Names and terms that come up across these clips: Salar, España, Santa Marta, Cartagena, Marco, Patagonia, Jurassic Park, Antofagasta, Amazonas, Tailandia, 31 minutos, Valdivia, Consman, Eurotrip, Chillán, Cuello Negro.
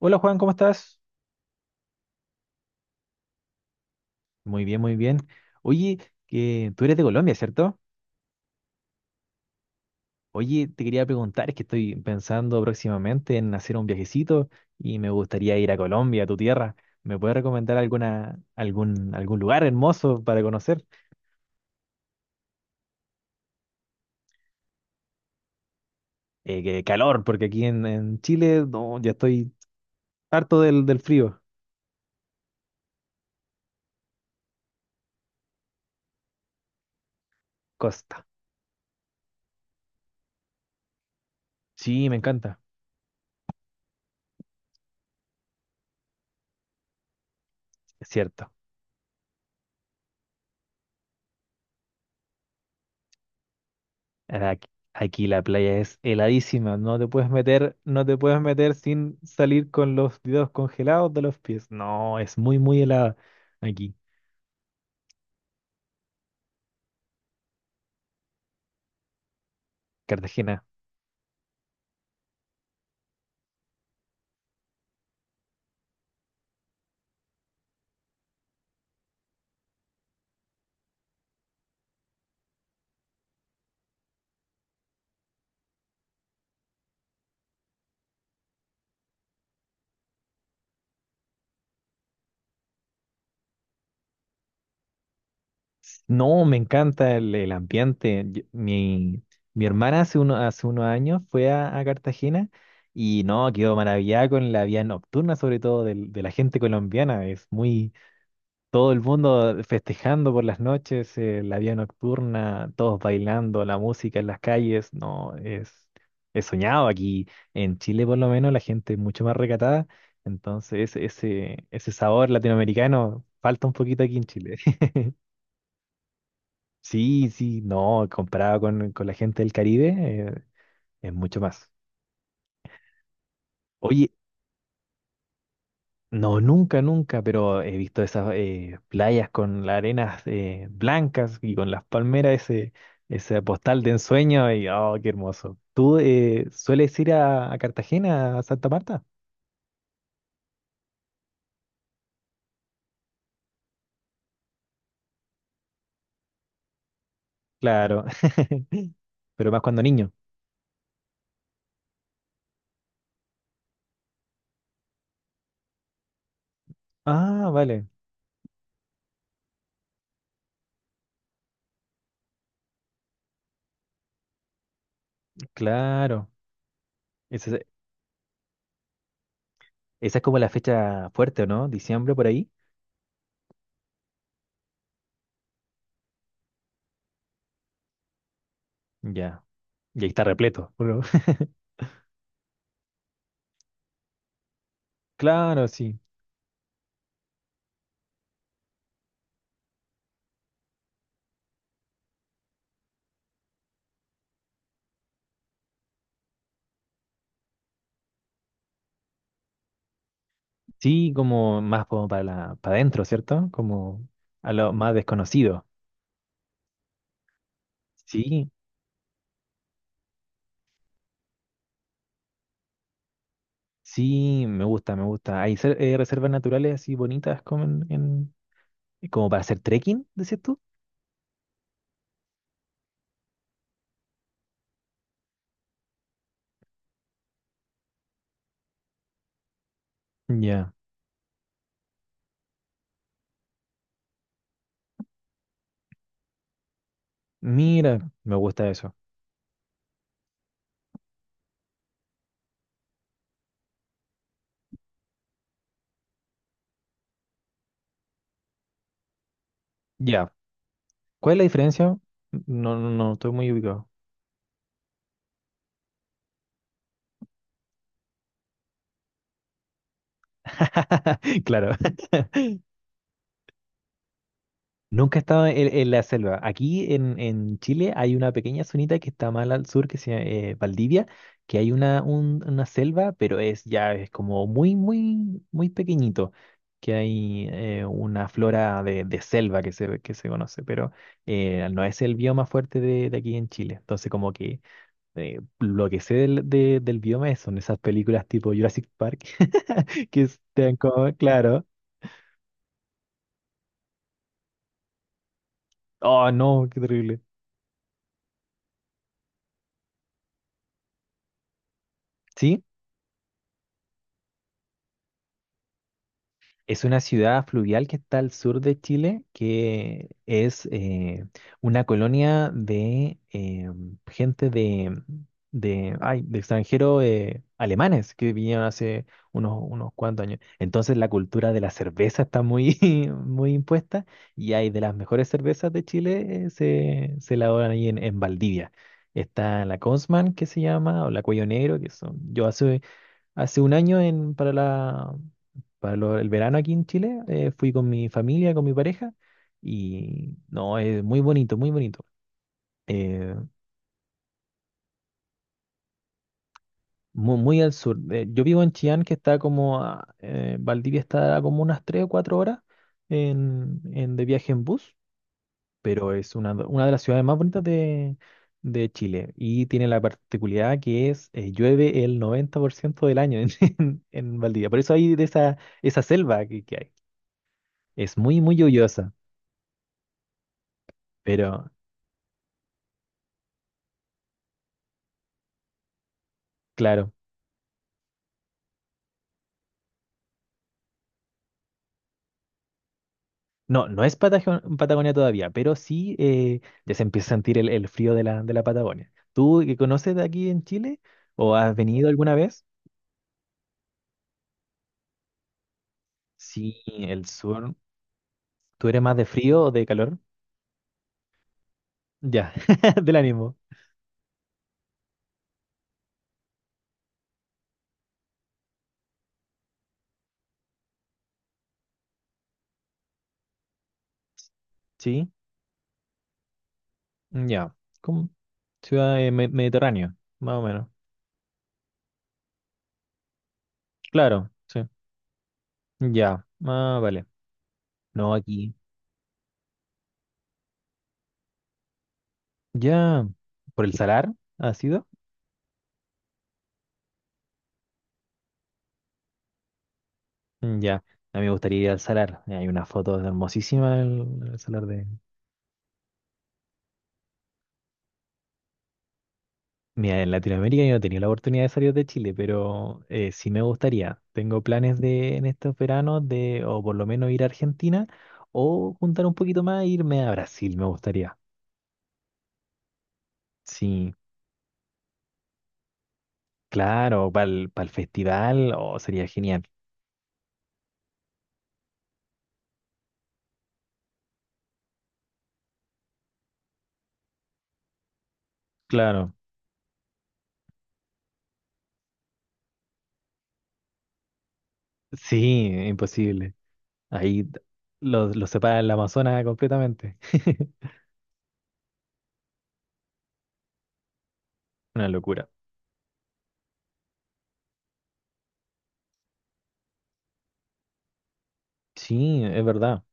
Hola Juan, ¿cómo estás? Muy bien, muy bien. Oye, que tú eres de Colombia, ¿cierto? Oye, te quería preguntar, es que estoy pensando próximamente en hacer un viajecito y me gustaría ir a Colombia, a tu tierra. ¿Me puedes recomendar alguna, algún lugar hermoso para conocer? Que calor, porque aquí en Chile no, ya estoy harto del frío. Costa. Sí, me encanta. Es cierto. Ahora, aquí, la playa es heladísima, no te puedes meter sin salir con los dedos congelados de los pies. No, es muy, muy helada aquí. Cartagena. No, me encanta el ambiente. Mi hermana hace unos años fue a Cartagena y no, quedó maravillada con la vida nocturna, sobre todo de la gente colombiana. Es muy. Todo el mundo festejando por las noches, la vida nocturna, todos bailando, la música en las calles, no, es soñado aquí. En Chile por lo menos la gente es mucho más recatada, entonces ese sabor latinoamericano falta un poquito aquí en Chile. Sí, sí, no, comparado con la gente del Caribe, es mucho más. Oye, no, nunca, nunca, pero he visto esas playas con las arenas blancas y con las palmeras, ese postal de ensueño y oh, qué hermoso. ¿Tú sueles ir a Cartagena, a Santa Marta? Claro, pero más cuando niño. Ah, vale, claro. Esa, es esa es como la fecha fuerte, ¿o no? Diciembre por ahí. Ya, y ahí está repleto. ¿O no? Claro, sí. Sí, como más como para la, para adentro, ¿cierto? Como a lo más desconocido. Sí. Sí, me gusta, me gusta. Hay reservas naturales así bonitas como como para hacer trekking, decís tú. Ya, mira, me gusta eso. Ya, ¿cuál es la diferencia? No, no, no, estoy muy ubicado. Claro. Nunca he estado en la selva. Aquí en Chile hay una pequeña zonita que está más al sur, que se llama Valdivia, que hay una selva, pero es ya es como muy, muy, muy pequeñito, que hay una flora de selva que se, conoce, pero no es el bioma fuerte de aquí en Chile. Entonces, como que lo que sé del bioma son esas películas tipo Jurassic Park, que están como, claro, oh no, qué terrible. ¿Sí? Es una ciudad fluvial que está al sur de Chile, que es una colonia de gente de extranjeros alemanes que vinieron hace unos cuantos años. Entonces la cultura de la cerveza está muy, muy impuesta y hay de las mejores cervezas de Chile. Se elaboran ahí en Valdivia. Está la Consman que se llama, o la Cuello Negro, que son, yo hace Hace un año en, para la, para lo- el verano aquí en Chile, fui con mi familia, con mi pareja, y no, es muy bonito, muy bonito. Eh, muy al sur. Yo vivo en Chillán, que está Valdivia está como unas 3 o 4 horas de viaje en bus, pero es una de las ciudades más bonitas de Chile, y tiene la particularidad que es, llueve el 90% del año en, en Valdivia. Por eso hay de esa selva que hay. Es muy, muy lluviosa, pero claro. No, no es Patagonia todavía, pero sí ya se empieza a sentir el frío de la Patagonia. ¿Tú que conoces de aquí en Chile o has venido alguna vez? Sí, el sur. ¿Tú eres más de frío o de calor? Ya, del ánimo. Sí, ya. Como ciudad mediterránea, más o menos. Claro, sí. Ya, ah, vale. No aquí. Ya, ¿por el salar ha sido? Mm, ya, a mí me gustaría ir al Salar. Hay una foto hermosísima del Salar de... Mira, en Latinoamérica yo no he tenido la oportunidad de salir de Chile, pero sí me gustaría. Tengo planes de en estos veranos de o por lo menos ir a Argentina o juntar un poquito más e irme a Brasil, me gustaría. Sí, claro, para el, festival o sería genial. Claro, sí, imposible. Ahí t- los separa el Amazonas completamente. Una locura. Sí, es verdad.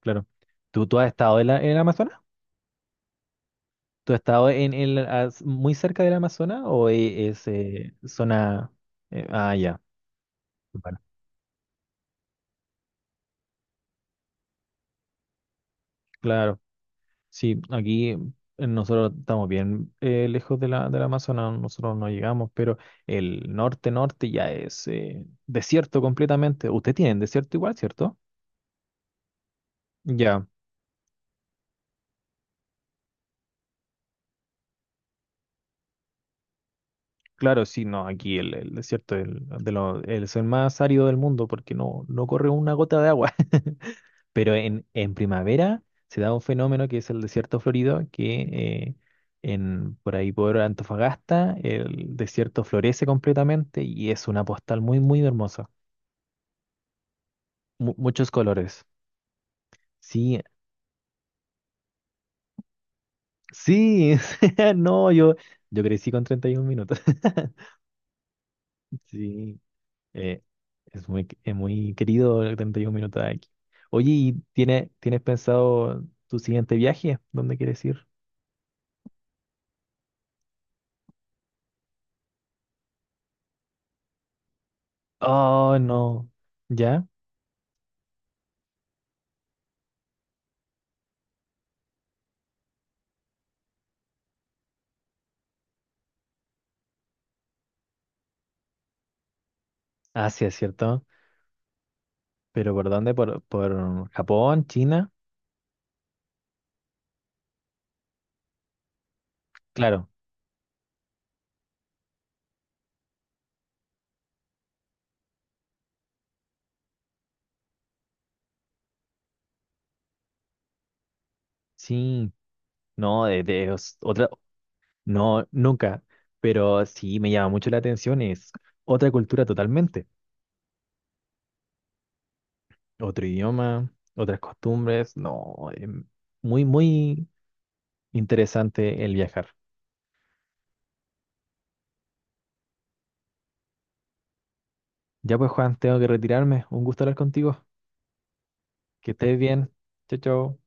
Claro. ¿Tú has estado en el Amazonas? ¿Tú has estado muy cerca del Amazonas o es zona... ah, ya. Bueno, claro. Sí, aquí nosotros estamos bien lejos del Amazonas, nosotros no llegamos, pero el norte-norte ya es desierto completamente. Ustedes tienen desierto igual, ¿cierto? Ya. Claro, sí, no, aquí el desierto es es el más árido del mundo porque no, no corre una gota de agua. Pero en primavera se da un fenómeno que es el desierto florido, que por ahí por Antofagasta el desierto florece completamente y es una postal muy, muy hermosa. Muchos colores. Sí, sí, no, yo, crecí con 31 minutos. Sí. Eh, es muy querido el 31 minutos de aquí. Oye, ¿y tienes pensado tu siguiente viaje? ¿Dónde quieres ir? Oh, no. ¿Ya? Ah, sí, es cierto. ¿Pero por dónde? Por Japón? ¿China? Claro. Sí. No, de os- otra... No, nunca. Pero sí me llama mucho la atención. Es otra cultura totalmente. Otro idioma, otras costumbres. No, muy, muy interesante el viajar. Ya pues, Juan, tengo que retirarme. Un gusto hablar contigo. Que estés bien. Chao, chao.